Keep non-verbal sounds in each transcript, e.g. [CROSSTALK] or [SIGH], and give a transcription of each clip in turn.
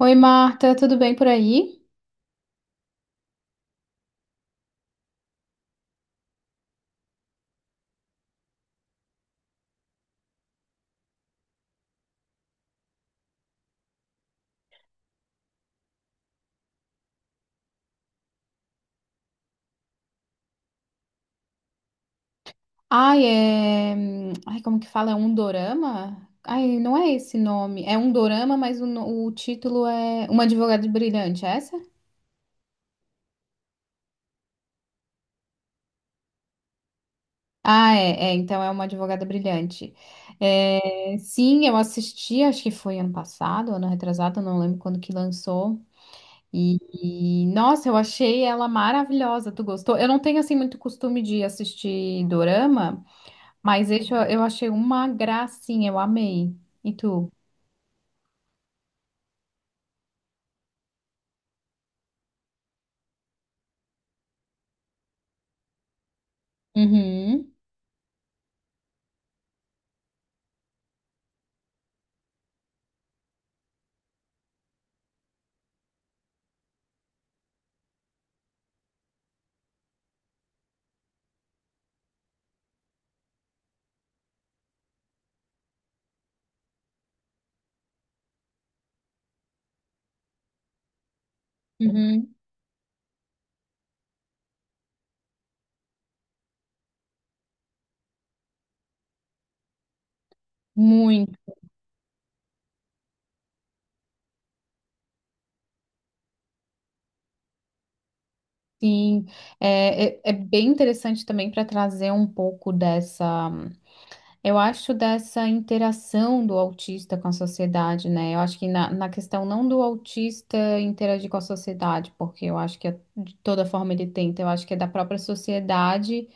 Oi, Marta, tudo bem por aí? Ai, é. Ai, como que fala? É um dorama? Ai, não é esse nome. É um dorama, mas o, no- o título é Uma Advogada Brilhante, é essa? Ah, é, então é Uma Advogada Brilhante. É, sim, eu assisti, acho que foi ano passado, ano retrasado, não lembro quando que lançou. E, nossa, eu achei ela maravilhosa. Tu gostou? Eu não tenho assim muito costume de assistir dorama. Mas esse eu achei uma gracinha, eu amei. E tu? Uhum, uhum. Muito, sim. É bem interessante também para trazer um pouco dessa, eu acho, dessa interação do autista com a sociedade, né? Eu acho que na questão não do autista interagir com a sociedade, porque eu acho que de toda forma ele tenta, eu acho que é da própria sociedade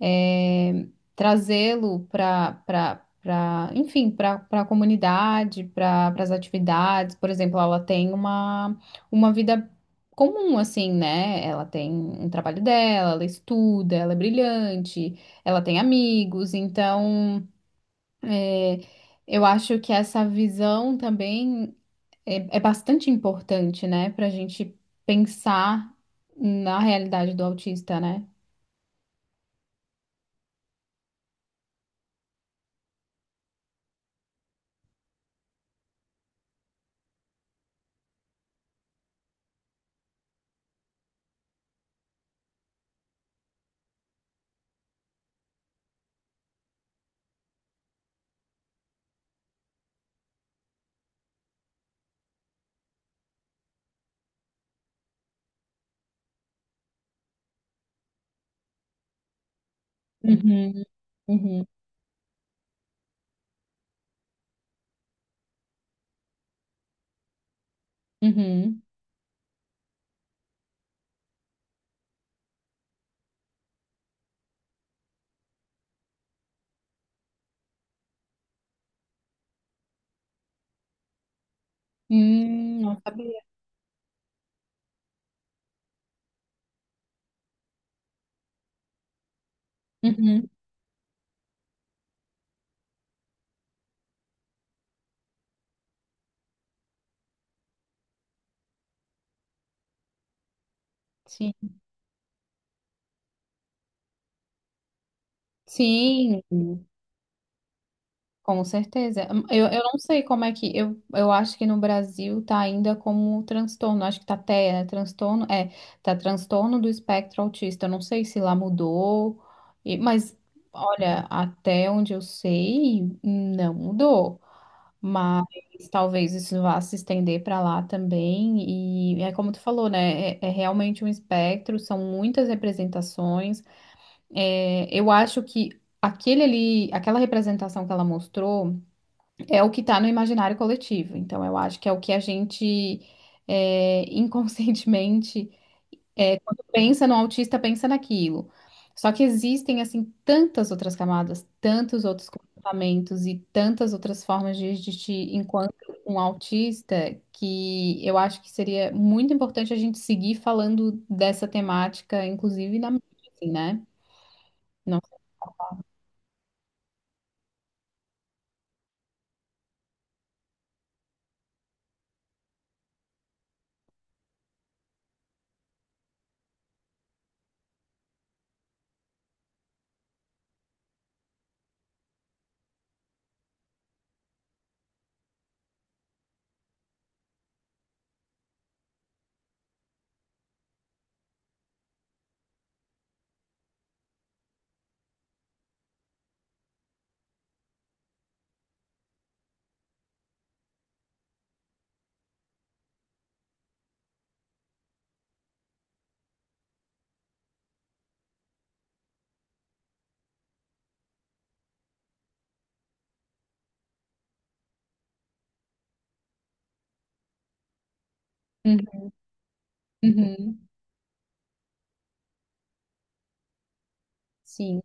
eh, trazê-lo para, enfim, para a comunidade, para as atividades. Por exemplo, ela tem uma vida comum, assim, né? Ela tem um trabalho dela, ela estuda, ela é brilhante, ela tem amigos, então. É, eu acho que essa visão também é bastante importante, né, para a gente pensar na realidade do autista, né? Uhum, uhum, uhum. Não sabia. Uhum, sim. Sim, com certeza. Eu não sei como é que. Eu acho que no Brasil tá ainda como transtorno. Acho que tá até, né? Transtorno. É, tá transtorno do espectro autista. Eu não sei se lá mudou. e- mas, olha, até onde eu sei, não mudou. Mas talvez isso vá se estender para lá também. E é como tu falou, né? É realmente um espectro, são muitas representações. É, eu acho que aquele ali, aquela representação que ela mostrou é o que está no imaginário coletivo. Então, eu acho que é o que a gente [LAUGHS] inconscientemente, quando pensa no autista, pensa naquilo. Só que existem, assim, tantas outras camadas, tantos outros comportamentos e tantas outras formas de agir enquanto um autista, que eu acho que seria muito importante a gente seguir falando dessa temática, inclusive na mídia, assim, né? Não. Uhum, sim,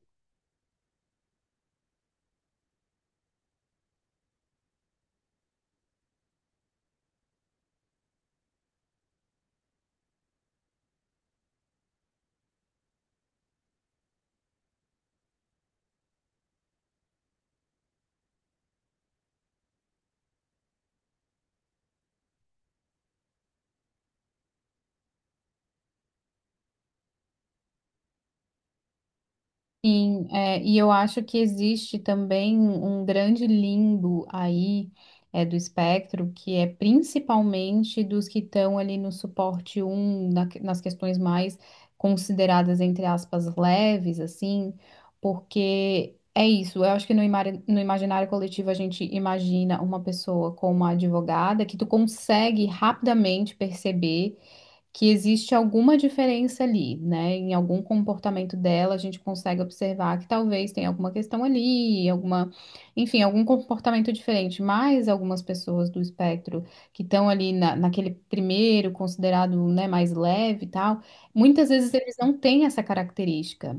sim, é, e eu acho que existe também um grande limbo aí, do espectro, que é principalmente dos que estão ali no suporte um nas questões mais consideradas, entre aspas, leves, assim, porque é isso, eu acho que no imaginário coletivo a gente imagina uma pessoa como uma advogada que tu consegue rapidamente perceber que existe alguma diferença ali, né? Em algum comportamento dela, a gente consegue observar que talvez tenha alguma questão ali, alguma, enfim, algum comportamento diferente. Mas algumas pessoas do espectro que estão ali na, naquele primeiro, considerado, né, mais leve e tal, muitas vezes eles não têm essa característica.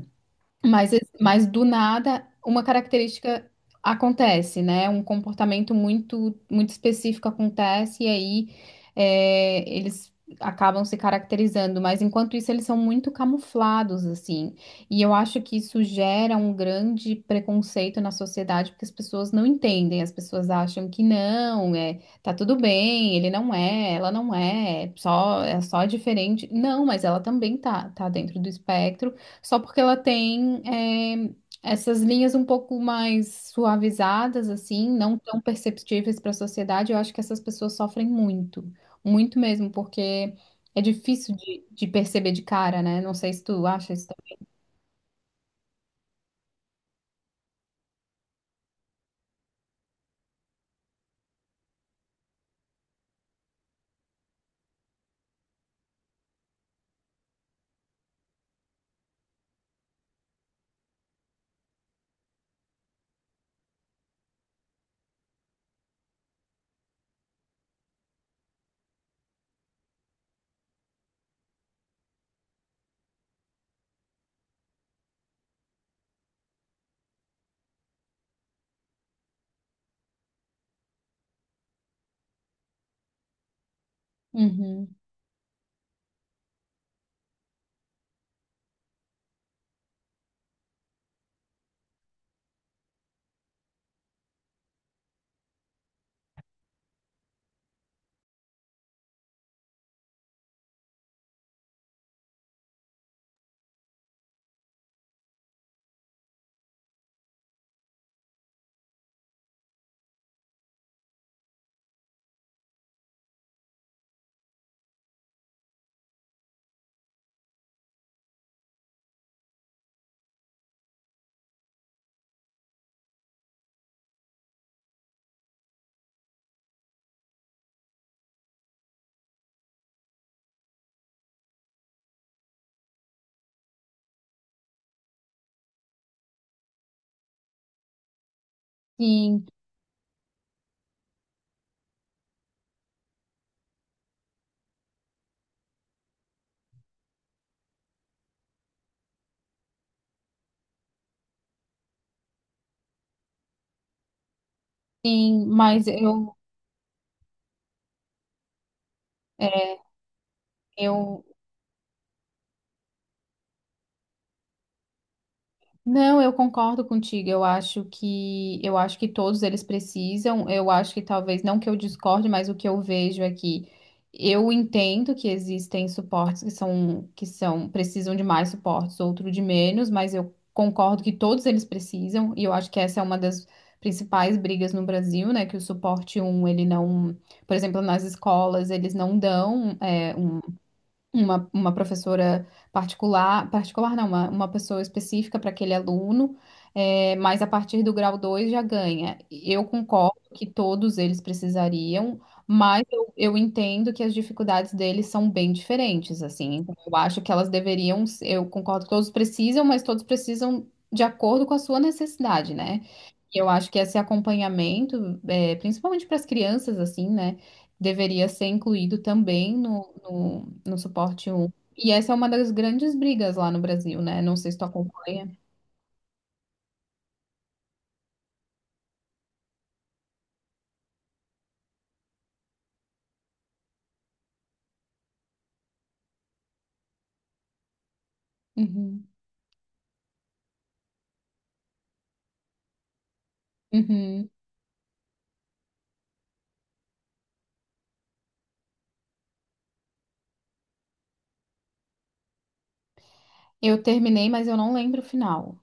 Mas, mas do nada, uma característica acontece, né? Um comportamento muito, muito específico acontece, e aí eles acabam se caracterizando. Mas enquanto isso, eles são muito camuflados, assim. E eu acho que isso gera um grande preconceito na sociedade, porque as pessoas não entendem, as pessoas acham que não, é, tá tudo bem, ele não é, ela não é, só, é só diferente. Não, mas ela também tá, tá dentro do espectro. Só porque ela tem essas linhas um pouco mais suavizadas, assim, não tão perceptíveis para a sociedade, eu acho que essas pessoas sofrem muito, muito mesmo, porque é difícil de perceber de cara, né? Não sei se tu acha isso. também. Uhum. Sim, sim, mas eu, é, eu Não, eu concordo contigo. Eu acho que todos eles precisam. Eu acho que talvez não que eu discorde, mas o que eu vejo é que eu entendo que existem suportes que são precisam de mais suportes, outro de menos, mas eu concordo que todos eles precisam e eu acho que essa é uma das principais brigas no Brasil, né? Que o suporte um ele não, por exemplo, nas escolas, eles não dão uma professora particular, particular não, uma pessoa específica para aquele aluno, mas a partir do grau 2 já ganha. Eu concordo que todos eles precisariam, mas eu entendo que as dificuldades deles são bem diferentes, assim. Então, eu acho que elas deveriam, eu concordo que todos precisam, mas todos precisam de acordo com a sua necessidade, né? E eu acho que esse acompanhamento, é, principalmente para as crianças, assim, né, deveria ser incluído também no suporte um. E essa é uma das grandes brigas lá no Brasil, né? Não sei se tu acompanha. Uhum, uhum. Eu terminei, mas eu não lembro o final.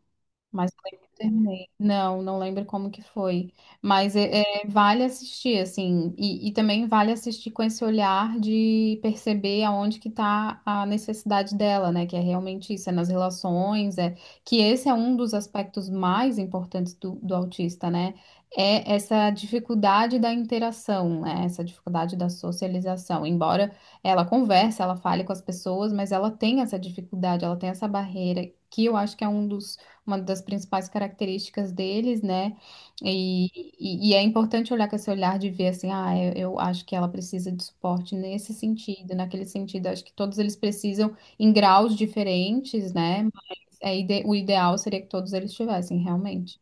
Mas eu lembro que terminei. Não, não lembro como que foi. Mas é, vale assistir, assim, e também vale assistir com esse olhar de perceber aonde que tá a necessidade dela, né? Que é realmente isso, é nas relações, que esse é um dos aspectos mais importantes do, do autista, né? É essa dificuldade da interação, né? Essa dificuldade da socialização. Embora ela converse, ela fale com as pessoas, mas ela tem essa dificuldade, ela tem essa barreira, que eu acho que é um dos uma das principais características deles, né? E, e é importante olhar com esse olhar de ver assim, ah, eu acho que ela precisa de suporte nesse sentido, naquele sentido, acho que todos eles precisam em graus diferentes, né? Mas é o ideal seria que todos eles tivessem, realmente.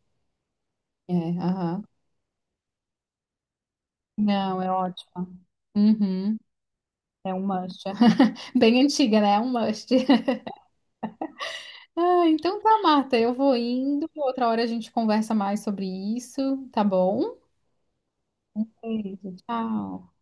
É, aham. Não, é ótimo. Uhum. É um must. [LAUGHS] Bem antiga, né? É um must. [LAUGHS] Ah, então tá, Marta, eu vou indo. Outra hora a gente conversa mais sobre isso, tá bom? Beijo, tchau.